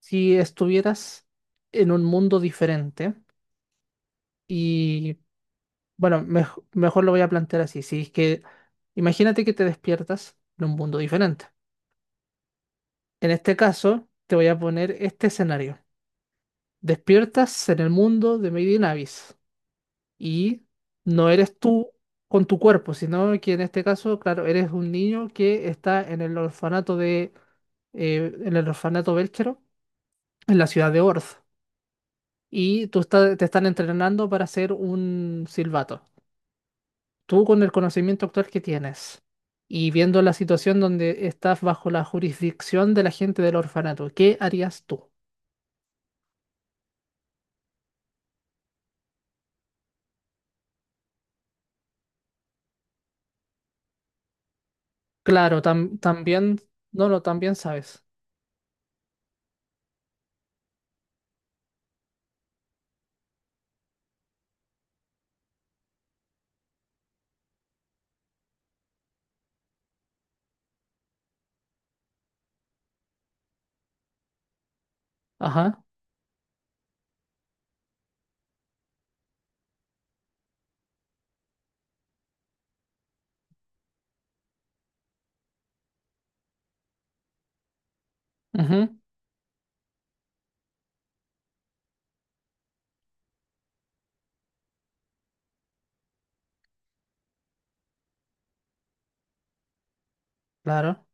Si estuvieras en un mundo diferente y, bueno, mejor lo voy a plantear así. Si es que, imagínate que te despiertas en un mundo diferente. En este caso, te voy a poner este escenario. Despiertas en el mundo de Made in Abyss y no eres tú con tu cuerpo, sino que en este caso, claro, eres un niño que está en el orfanato de, en el orfanato Belchero, en la ciudad de Orth. Y tú te están entrenando para hacer un silbato. Tú, con el conocimiento actual que tienes y viendo la situación donde estás bajo la jurisdicción de la gente del orfanato, ¿qué harías tú? Claro, también, no, no, también sabes. Ajá, ujú, claro.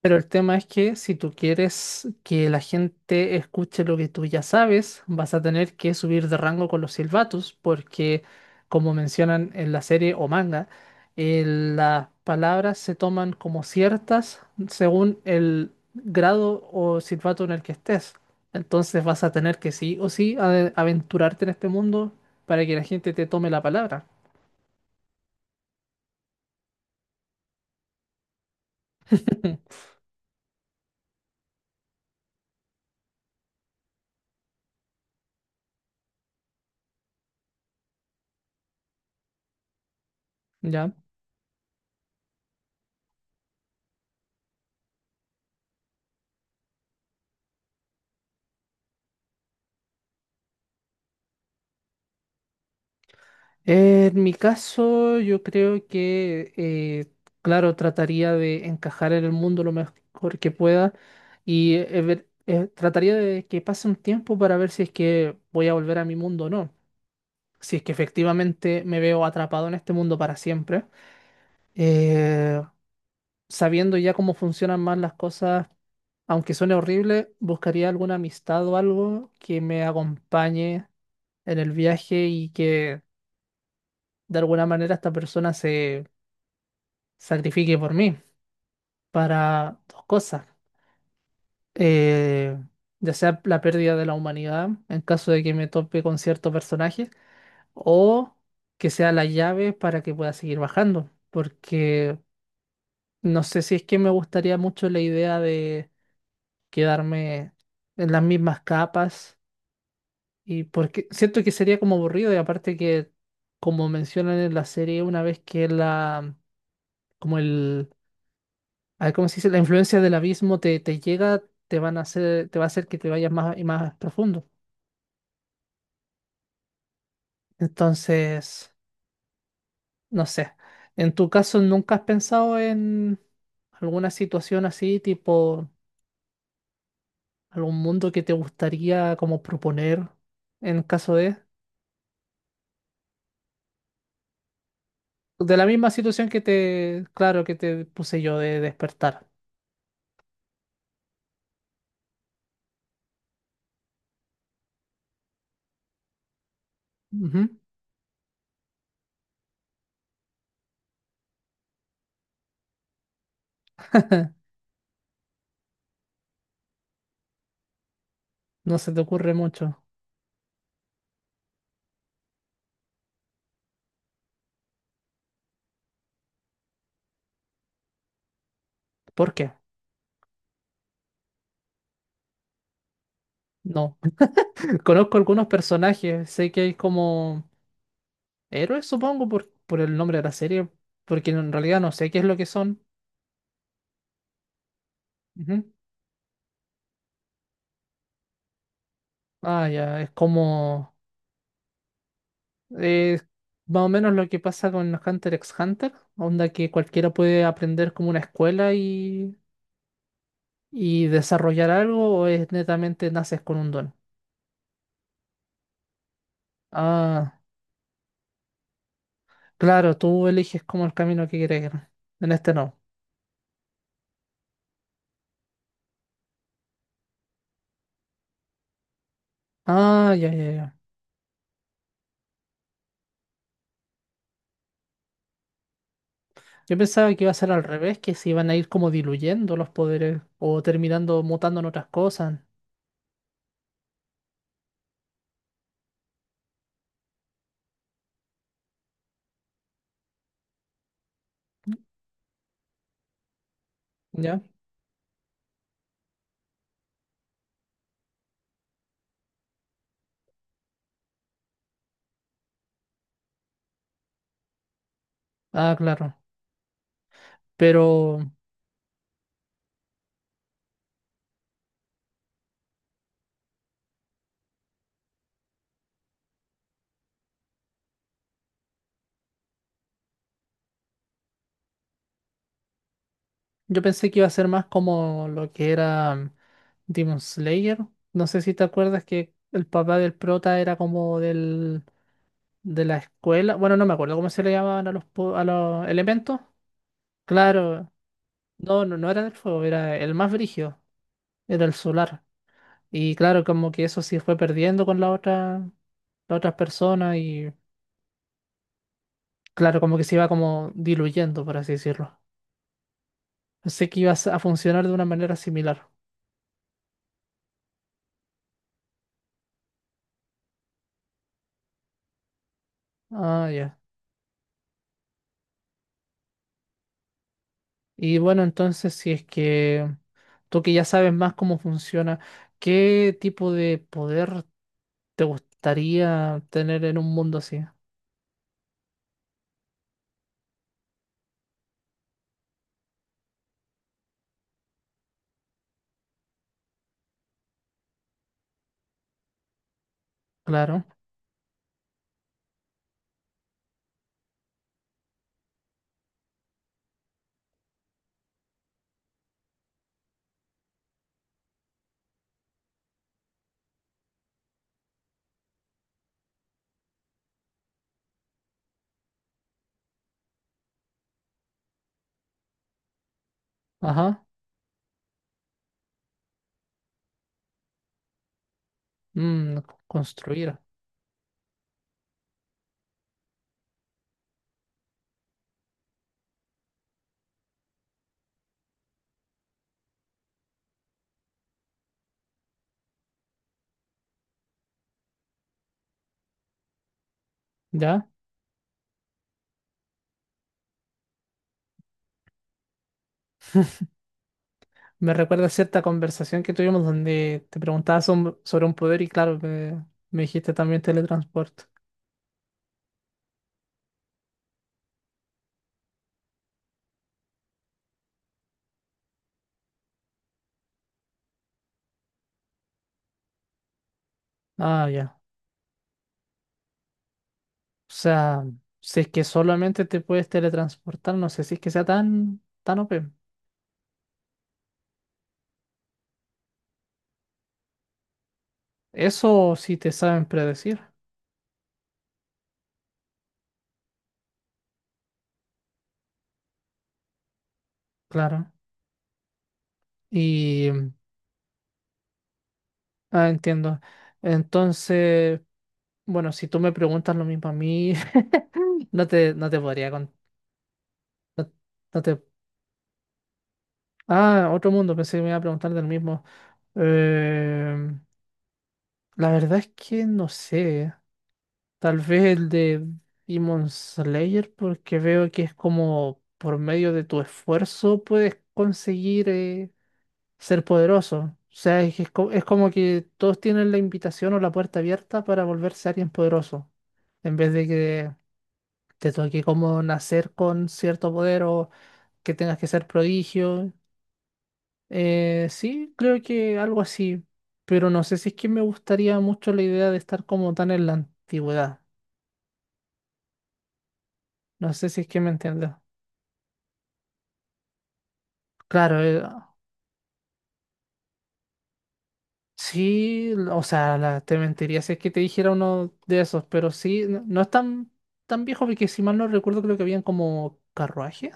Pero el tema es que si tú quieres que la gente escuche lo que tú ya sabes, vas a tener que subir de rango con los silbatos, porque como mencionan en la serie o manga, las palabras se toman como ciertas según el grado o silbato en el que estés. Entonces vas a tener que sí o sí aventurarte en este mundo para que la gente te tome la palabra. ¿Ya? En mi caso, yo creo que, claro, trataría de encajar en el mundo lo mejor que pueda y trataría de que pase un tiempo para ver si es que voy a volver a mi mundo o no. Si es que efectivamente me veo atrapado en este mundo para siempre, Eh, sabiendo ya cómo funcionan más las cosas, aunque suene horrible, buscaría alguna amistad o algo que me acompañe en el viaje y que de alguna manera esta persona se sacrifique por mí para dos cosas. Eh, ya sea la pérdida de la humanidad en caso de que me tope con cierto personaje, o que sea la llave para que pueda seguir bajando. Porque no sé si es que me gustaría mucho la idea de quedarme en las mismas capas, y porque siento que sería como aburrido y aparte que, como mencionan en la serie, una vez que la, como el, a ver cómo se dice, la influencia del abismo te, te llega, te va a hacer que te vayas más y más profundo. Entonces, no sé. En tu caso, ¿nunca has pensado en alguna situación así, tipo algún mundo que te gustaría como proponer en caso de la misma situación que te, claro, que te puse yo, de despertar? Ujú. No se te ocurre mucho. ¿Por qué? No. Conozco algunos personajes, sé que hay como héroes, supongo, por el nombre de la serie, porque en realidad no sé qué es lo que son. Ujú. Ah, ya, es como... es más o menos lo que pasa con Hunter x Hunter, onda que cualquiera puede aprender como una escuela y desarrollar algo, o es netamente naces con un don. Ah, claro, tú eliges como el camino que quieres ir. En este no. Ah, ya, ya, ya. Yo pensaba que iba a ser al revés, que se iban a ir como diluyendo los poderes o terminando mutando en otras cosas. Ya. Ah, claro. Pero yo pensé que iba a ser más como lo que era, Demon Slayer. No sé si te acuerdas que el papá del prota era como del, de la escuela. Bueno, no me acuerdo cómo se le llamaban a los, a los elementos. Claro, no, no, no era del fuego, era el más brígido, era el solar. Y claro, como que eso sí fue perdiendo con la otra persona, y claro, como que se iba como diluyendo, por así decirlo. Pensé que iba a funcionar de una manera similar. Ah, ya. Y bueno, entonces, si es que tú, que ya sabes más cómo funciona, ¿qué tipo de poder te gustaría tener en un mundo así? Claro, ajá, mm, construir, ¿ya? Me recuerda cierta conversación que tuvimos donde te preguntabas sobre un poder y claro, me dijiste también teletransporte. Ah, ya. O sea, si es que solamente te puedes teletransportar, no sé si es que sea tan, tan OP. Eso sí te saben predecir, claro. Y, ah, entiendo. Entonces, bueno, si tú me preguntas lo mismo a mí, no te podría no, no te... Ah, otro mundo, pensé que me iba a preguntar del mismo. Eh, la verdad es que no sé. Tal vez el de Demon Slayer, porque veo que es como por medio de tu esfuerzo puedes conseguir. Ser poderoso. O sea, es como que todos tienen la invitación o la puerta abierta para volverse alguien poderoso, en vez de que te toque como nacer con cierto poder o que tengas que ser prodigio. Sí, creo que algo así, pero no sé si es que me gustaría mucho la idea de estar como tan en la antigüedad. No sé si es que me entiendes. Claro, sí, o sea, te mentiría si es que te dijera uno de esos, pero sí, no, no es tan, tan viejo porque si mal no recuerdo creo que habían como carruajes,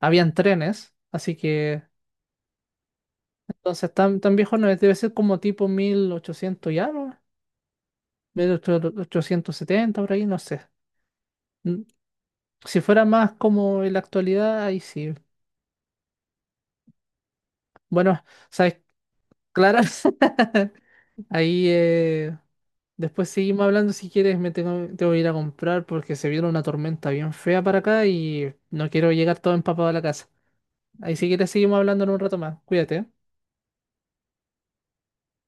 habían trenes, así que entonces tan, tan viejo no es, debe ser como tipo 1800 y algo, mil ochocientos setenta por ahí, no sé. Mm, Si fuera más como en la actualidad, ahí sí. Bueno, sabes, claro, ahí después seguimos hablando si quieres, tengo que ir a comprar porque se viene una tormenta bien fea para acá y no quiero llegar todo empapado a la casa. Ahí si quieres seguimos hablando en un rato más. Cuídate, ¿eh?